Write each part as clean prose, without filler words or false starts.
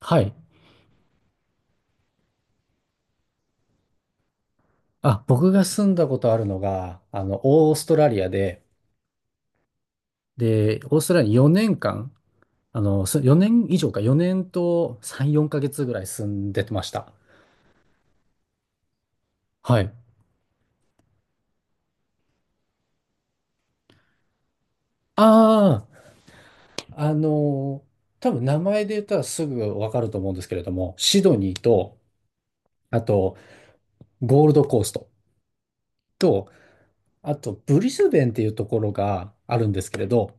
はい。僕が住んだことあるのが、オーストラリアで、で、オーストラリアに4年間、4年以上か、4年と3、4ヶ月ぐらい住んでました。はい。ああ、あの、多分名前で言ったらすぐわかると思うんですけれども、シドニーと、あと、ゴールドコーストと、あと、ブリスベンっていうところがあるんですけれど、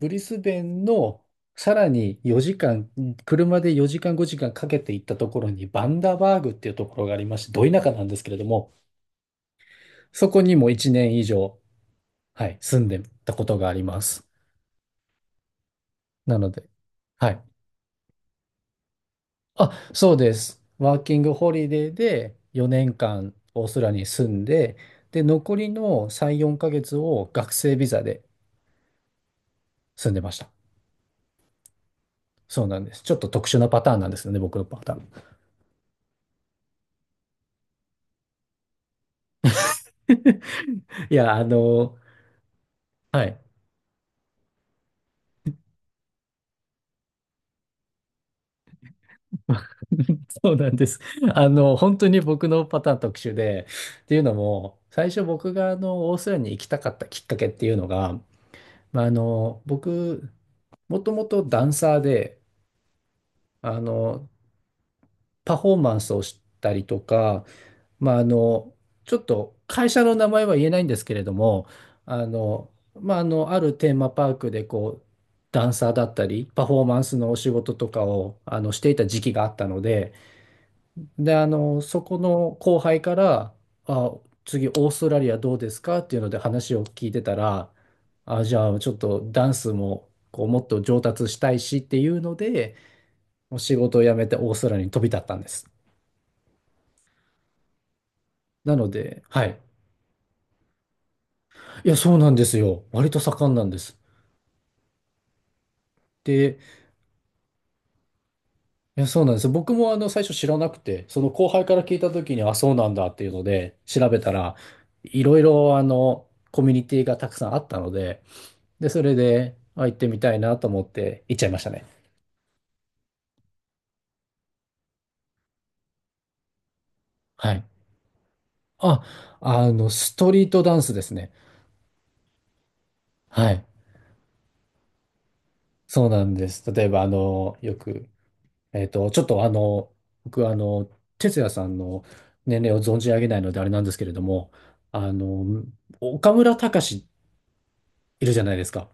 ブリスベンのさらに4時間、車で4時間5時間かんかけて行ったところにバンダバーグっていうところがありまして、ど田舎なんですけれども、そこにも1年以上、はい、住んでたことがあります。なので、はい。そうです。ワーキングホリデーで4年間オーストラリアに住んで、で、残りの3、4ヶ月を学生ビザで住んでました。そうなんです。ちょっと特殊なパターンなんですよね、僕のパターン。いや、あの、はい。そうなんです。本当に僕のパターン特殊で、っていうのも、最初僕がオーストラリアに行きたかったきっかけっていうのが、僕、もともとダンサーで、あの、パフォーマンスをしたりとか、まあ、あの、ちょっと会社の名前は言えないんですけれども、あるテーマパークでこう、ダンサーだったり、パフォーマンスのお仕事とかを、していた時期があったので、で、そこの後輩から、あ、次オーストラリアどうですかっていうので話を聞いてたら、あ、じゃあちょっとダンスもこうもっと上達したいしっていうので、もう仕事を辞めてオーストラリアに飛び立ったんです。なので、はい。いや、そうなんですよ。割と盛んなんです。で、いや、そうなんです。僕も最初知らなくて、その後輩から聞いた時に、あ、そうなんだっていうので、調べたら、いろいろコミュニティがたくさんあったので、で、それで、あ、行ってみたいなと思って行っちゃいましたね。はい。あ、ストリートダンスですね。はい。そうなんです。例えば、あの、よく、えっと、ちょっとあの、僕、あの、哲也さんの年齢を存じ上げないのであれなんですけれども、あの、岡村隆史いるじゃないですか。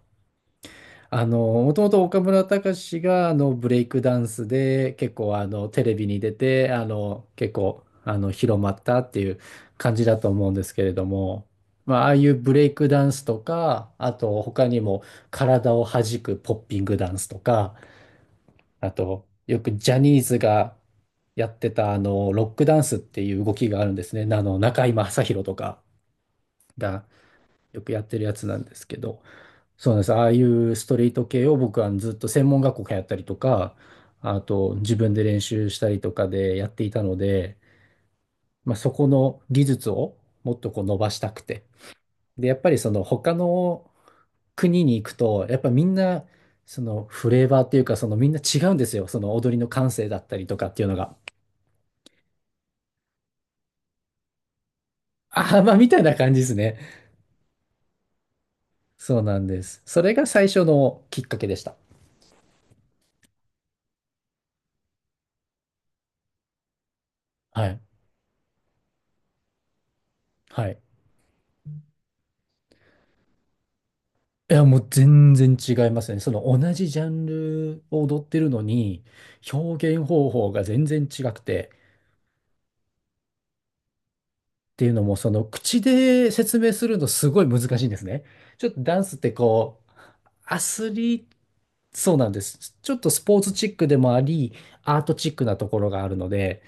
もともと岡村隆史がブレイクダンスで結構テレビに出て結構広まったっていう感じだと思うんですけれども、まあ、ああいうブレイクダンスとか、あと他にも体を弾くポッピングダンスとか、あとよくジャニーズがやってたロックダンスっていう動きがあるんですね。中居正広とかがよくやってるやつなんですけど。そうなんです。ああいうストリート系を僕はずっと専門学校通ったりとか、あと自分で練習したりとかでやっていたので、まあ、そこの技術をもっとこう伸ばしたくて。で、やっぱりその他の国に行くと、やっぱみんなそのフレーバーっていうか、そのみんな違うんですよ。その踊りの感性だったりとかっていうのが。ああ、まあみたいな感じですね。そうなんです。それが最初のきっかけでした。はい。はい。いや、もう全然違いますね。その同じジャンルを踊ってるのに、表現方法が全然違くて、っていうのも、その口で説明するのすごい難しいんですね。ちょっとダンスってこう、アスリート、そうなんです。ちょっとスポーツチックでもあり、アートチックなところがあるので、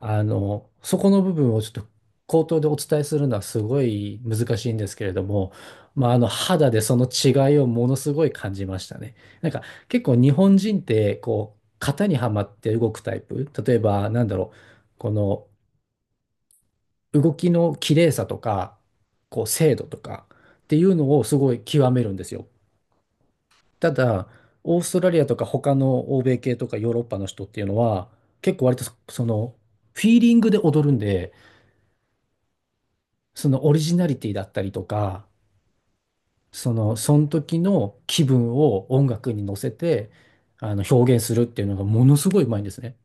そこの部分をちょっと口頭でお伝えするのはすごい難しいんですけれども、肌でその違いをものすごい感じましたね。なんか結構日本人って、こう、型にはまって動くタイプ。例えば、なんだろう、この、動きの綺麗さとか、こう精度とかっていうのをすごい極めるんですよ。ただ、オーストラリアとか他の欧米系とかヨーロッパの人っていうのは、結構割とその、フィーリングで踊るんで、そのオリジナリティだったりとか、その、その時の気分を音楽に乗せて、表現するっていうのがものすごいうまいんですね。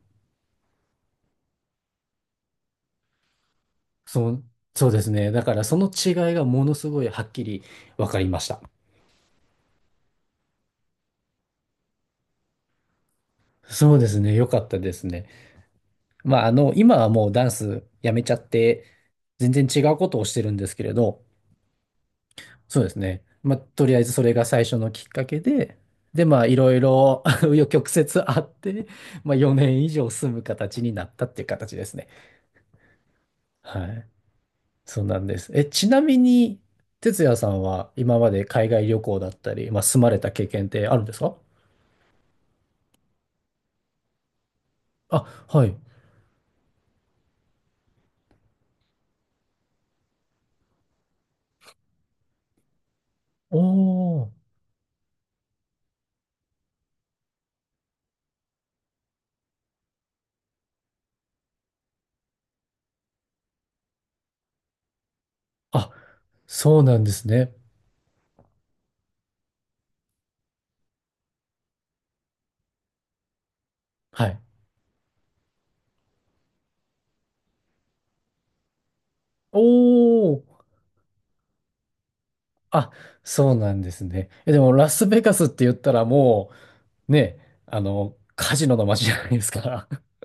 そう、そうですね。だからその違いがものすごいはっきり分かりました。そうですね。よかったですね。今はもうダンスやめちゃって、全然違うことをしてるんですけれど、そうですね。まあ、とりあえずそれが最初のきっかけで、で、まあ、いろいろ 紆余曲折あって、まあ、4年以上住む形になったっていう形ですね。はい。そうなんです。え、ちなみに、哲也さんは今まで海外旅行だったり、まあ、住まれた経験ってあるんですか？あ、はい。おー。あ、そうなんですね。はい。おー。あ、そうなんですね。え、でも、ラスベガスって言ったらもう、ね、カジノの街じゃないですか。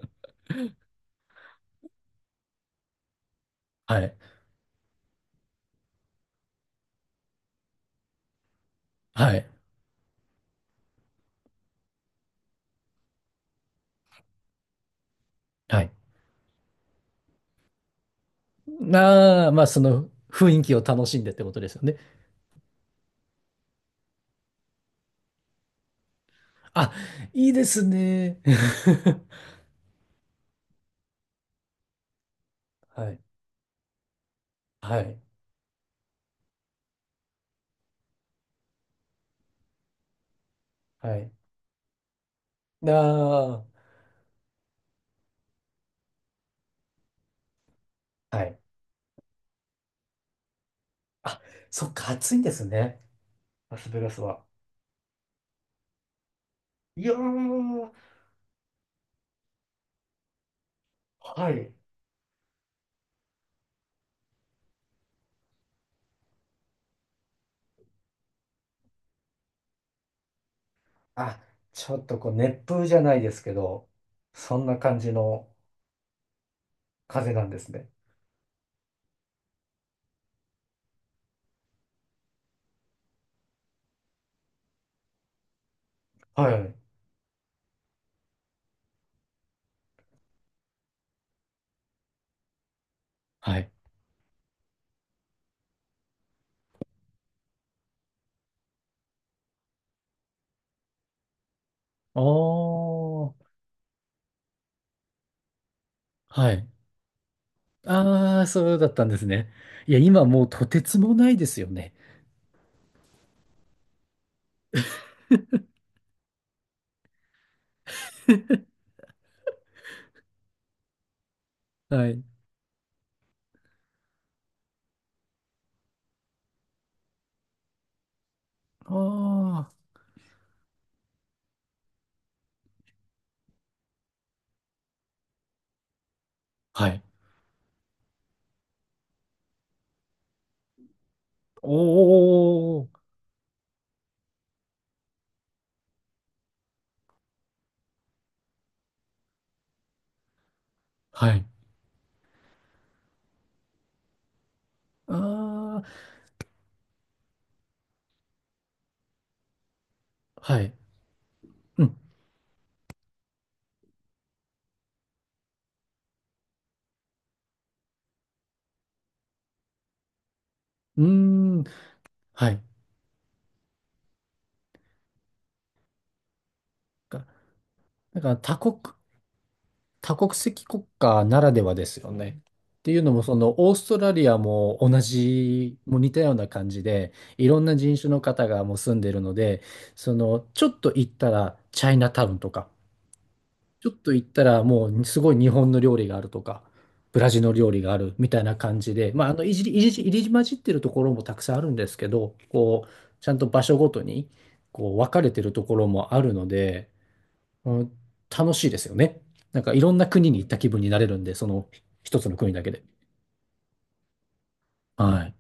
はい。はい。はい。まあ、その雰囲気を楽しんでってことですよね。あ、いいですね。はい。はい。はい。なあ、はい。あ、そっか、暑いんですね。ラスベガスは。いやー、はい。あ、ちょっとこう、熱風じゃないですけど、そんな感じの風なんですね。はい。はい。おー。はい。ああ、そうだったんですね。いや、今もうとてつもないですよね。はい。ああ。はい。おー。はい。ああ。はい。うん。うーん。はい。かなんか多国、多国籍国家ならではですよね。っていうのも、その、オーストラリアも同じ、もう似たような感じで、いろんな人種の方がもう住んでるので、その、ちょっと行ったら、チャイナタウンとか、ちょっと行ったらもうすごい日本の料理があるとか、ブラジルの料理があるみたいな感じで、いじり、いじり、入り混じってるところもたくさんあるんですけど、こう、ちゃんと場所ごとに、こう、分かれてるところもあるので、うん、楽しいですよね。なんかいろんな国に行った気分になれるんで、その一つの国だけで。はい。